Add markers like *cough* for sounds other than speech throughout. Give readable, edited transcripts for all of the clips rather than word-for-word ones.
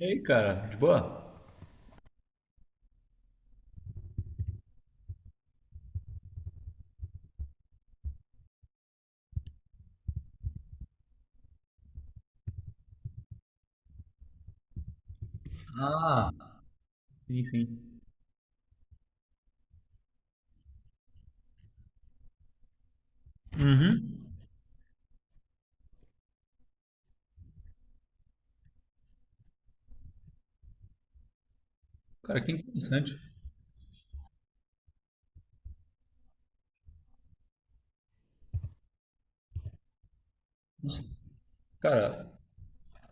E aí, cara, de boa? Ah, sim, sim. Uhum. Cara, que interessante. Nossa, cara,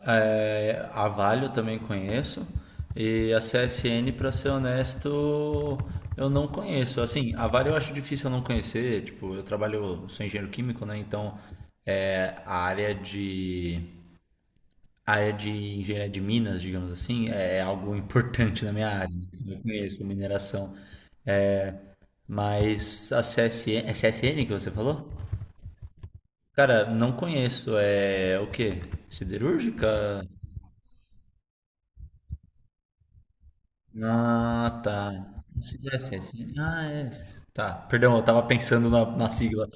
a Vale eu também conheço e a C S N, pra ser honesto, eu não conheço. Assim, a Vale eu acho difícil eu não conhecer. Tipo, eu trabalho, eu sou engenheiro químico, né? Então, é, a área de a área de engenharia de minas, digamos assim, é algo *laughs* importante na minha área, né? Eu conheço mineração, mas a C S CSN, é C S N que você falou? Cara, não conheço. É o quê? Siderúrgica? Ah, tá. Não sei se é assim. Ah, é. Tá, perdão, eu tava pensando na sigla.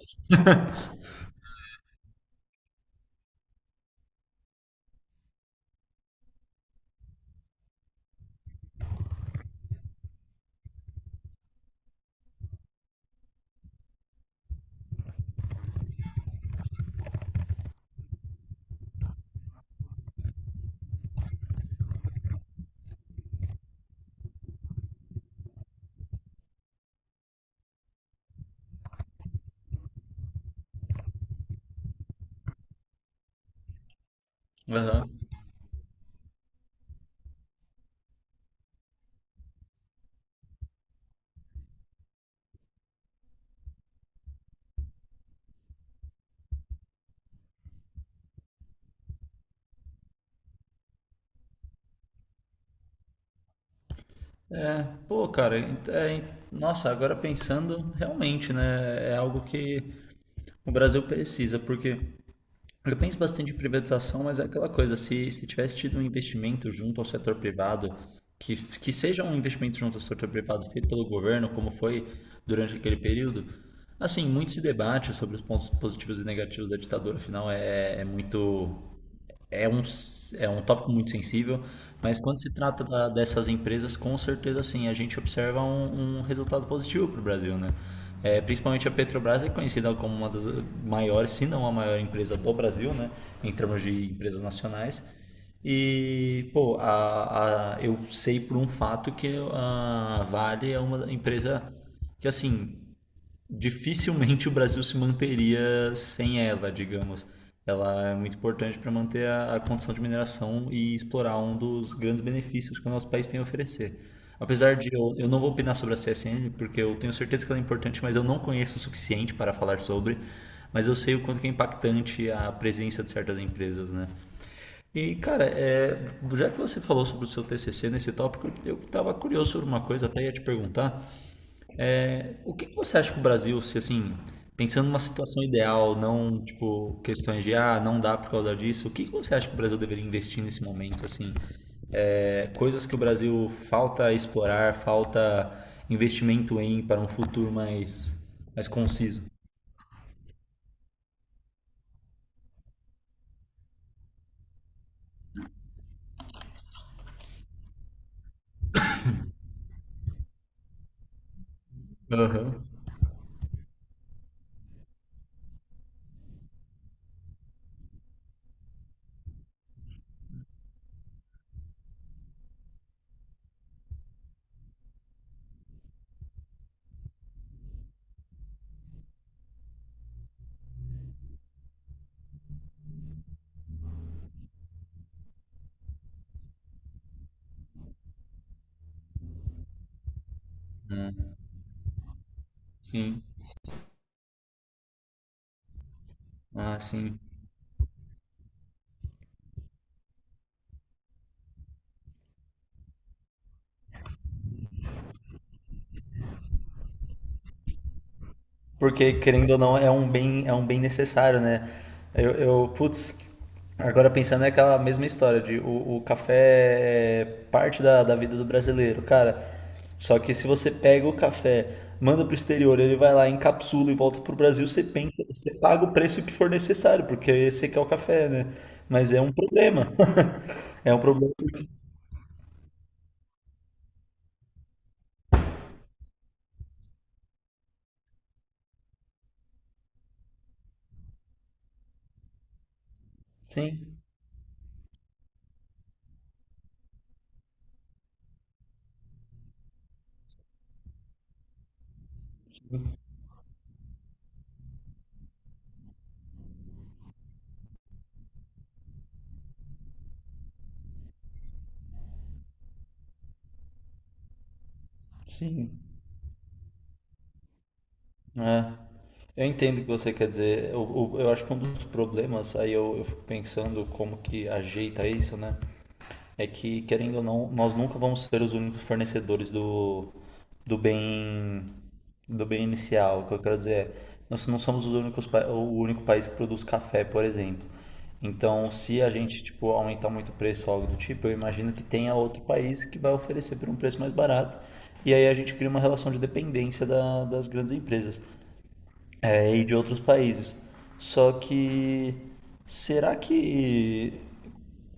Aham. Pô, cara, nossa, agora pensando, realmente, né? É algo que o Brasil precisa, porque eu penso bastante em privatização, mas é aquela coisa, se tivesse tido um investimento junto ao setor privado, que seja um investimento junto ao setor privado feito pelo governo, como foi durante aquele período. Assim, muito se debate sobre os pontos positivos e negativos da ditadura, afinal é muito, é um tópico muito sensível, mas quando se trata dessas empresas, com certeza sim, a gente observa um resultado positivo para o Brasil, né? É, principalmente a Petrobras é conhecida como uma das maiores, se não a maior empresa do Brasil, né? Em termos de empresas nacionais. E, pô, eu sei por um fato que a Vale é uma empresa que, assim, dificilmente o Brasil se manteria sem ela, digamos. Ela é muito importante para manter a condição de mineração e explorar um dos grandes benefícios que o nosso país tem a oferecer. Apesar de eu não vou opinar sobre a CSN, porque eu tenho certeza que ela é importante, mas eu não conheço o suficiente para falar sobre, mas eu sei o quanto que é impactante a presença de certas empresas, né? E, cara, já que você falou sobre o seu TCC nesse tópico, eu estava curioso sobre uma coisa, até ia te perguntar. O que que você acha que o Brasil, se assim, pensando numa situação ideal, não tipo questões de ah, não dá por causa disso, o que que você acha que o Brasil deveria investir nesse momento, assim? É, coisas que o Brasil falta explorar, falta investimento em para um futuro mais conciso. Aham. Sim. Ah, sim. Porque, querendo ou não, é um bem necessário, né? Putz, agora pensando, é aquela mesma história de o café é parte da vida do brasileiro, cara. Só que se você pega o café, manda pro exterior, ele vai lá, encapsula e volta pro Brasil, você pensa, você paga o preço que for necessário, porque você quer o café, né? Mas é um problema. *laughs* É um problema. Sim, sim. É. Eu entendo o que você quer dizer. Eu acho que um dos problemas, aí eu fico pensando como que ajeita isso, né? É que, querendo ou não, nós nunca vamos ser os únicos fornecedores do bem, do bem inicial. O que eu quero dizer é, nós não somos os únicos, o único país que produz café, por exemplo. Então, se a gente, tipo, aumentar muito o preço ou algo do tipo, eu imagino que tenha outro país que vai oferecer por um preço mais barato. E aí a gente cria uma relação de dependência das grandes empresas, e de outros países. Só que será que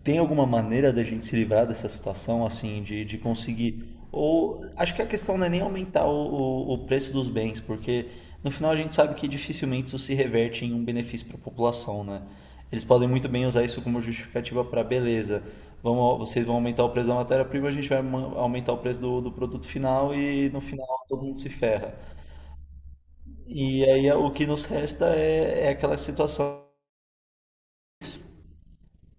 tem alguma maneira da gente se livrar dessa situação, assim, de conseguir? Ou acho que a questão não é nem aumentar o preço dos bens, porque no final a gente sabe que dificilmente isso se reverte em um benefício para a população, né? Eles podem muito bem usar isso como justificativa para beleza. Vamos, vocês vão aumentar o preço da matéria-prima, a gente vai aumentar o preço do produto final e no final todo mundo se ferra. E aí o que nos resta é aquela situação.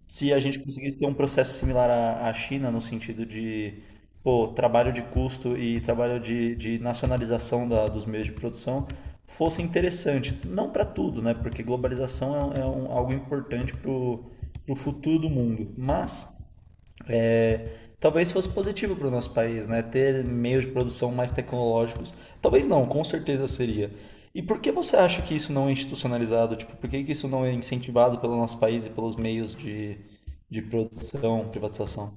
Se a gente conseguisse ter um processo similar à China, no sentido de pô, trabalho de custo e trabalho de nacionalização dos meios de produção, fosse interessante. Não para tudo, né? Porque globalização é algo importante para o futuro do mundo. Mas é, talvez fosse positivo para o nosso país, né? Ter meios de produção mais tecnológicos. Talvez não, com certeza seria. E por que você acha que isso não é institucionalizado? Tipo, por que que isso não é incentivado pelo nosso país e pelos meios de produção, privatização?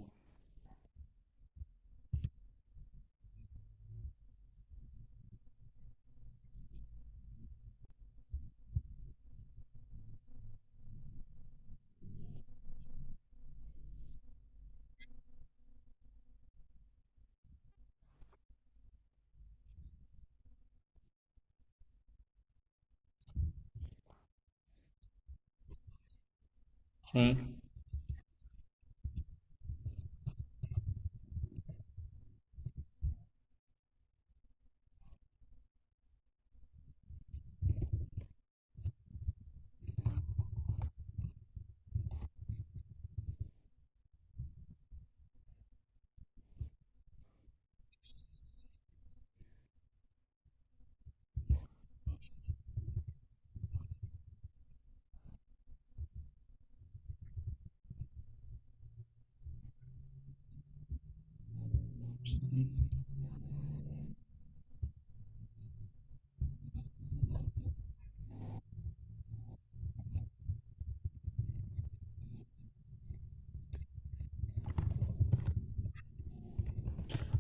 Sim.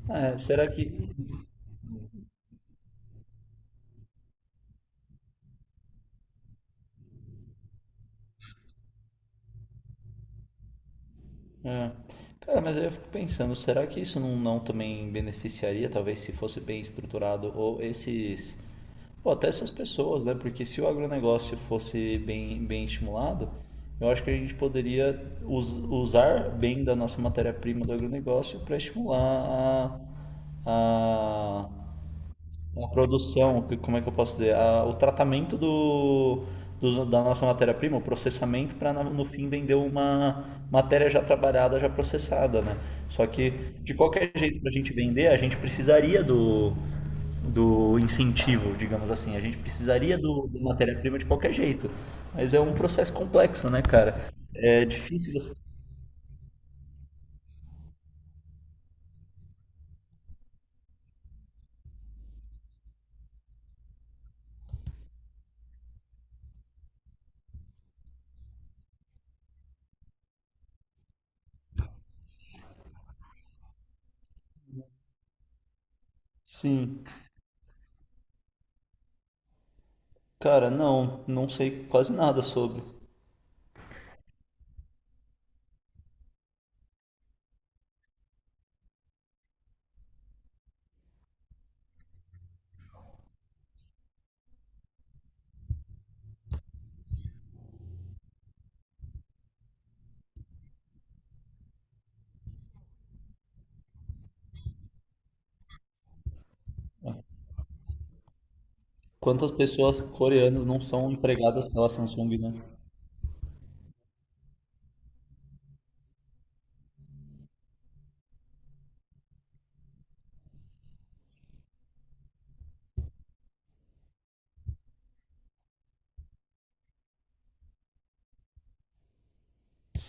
É, será que É. Cara, mas aí eu fico pensando, será que isso não também beneficiaria, talvez, se fosse bem estruturado, ou esses, ou até essas pessoas, né? Porque se o agronegócio fosse bem estimulado, eu acho que a gente poderia usar bem da nossa matéria-prima do agronegócio para estimular a, a produção, como é que eu posso dizer? O tratamento da nossa matéria-prima, o processamento, para no fim vender uma matéria já trabalhada, já processada, né? Só que, de qualquer jeito, para a gente vender, a gente precisaria do incentivo, digamos assim. A gente precisaria do matéria-prima de qualquer jeito. Mas é um processo complexo, né, cara? É difícil você... Sim. Cara, não, não sei quase nada sobre. Quantas pessoas coreanas não são empregadas pela Samsung, né?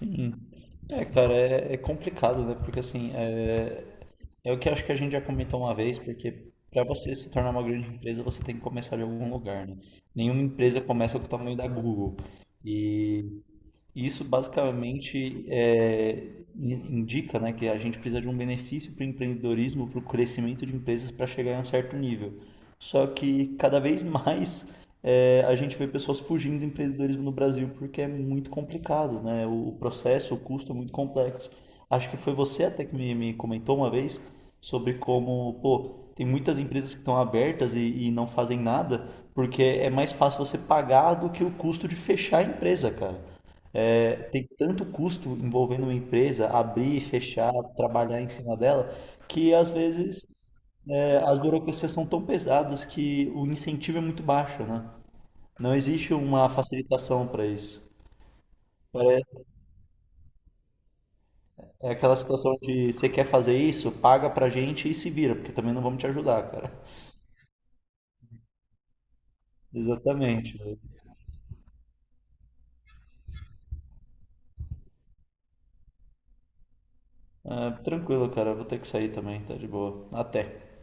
Hum. É, cara, é complicado, né? Porque assim, é o que acho que a gente já comentou uma vez, porque para você se tornar uma grande empresa, você tem que começar de algum lugar, né? Nenhuma empresa começa com o tamanho da Google. E isso basicamente indica, né, que a gente precisa de um benefício para o empreendedorismo, para o crescimento de empresas para chegar em um certo nível. Só que cada vez *laughs* mais a gente vê pessoas fugindo do empreendedorismo no Brasil porque é muito complicado, né? O processo, o custo é muito complexo. Acho que foi você até que me comentou uma vez sobre como, pô, tem muitas empresas que estão abertas e não fazem nada porque é mais fácil você pagar do que o custo de fechar a empresa, cara. É, tem tanto custo envolvendo uma empresa, abrir, fechar, trabalhar em cima dela, que às vezes as burocracias são tão pesadas que o incentivo é muito baixo, né? Não existe uma facilitação para isso. Pare- É aquela situação de você quer fazer isso, paga pra gente e se vira, porque também não vamos te ajudar, cara. *laughs* Exatamente. Ah, tranquilo, cara. Vou ter que sair também, tá de boa. Até.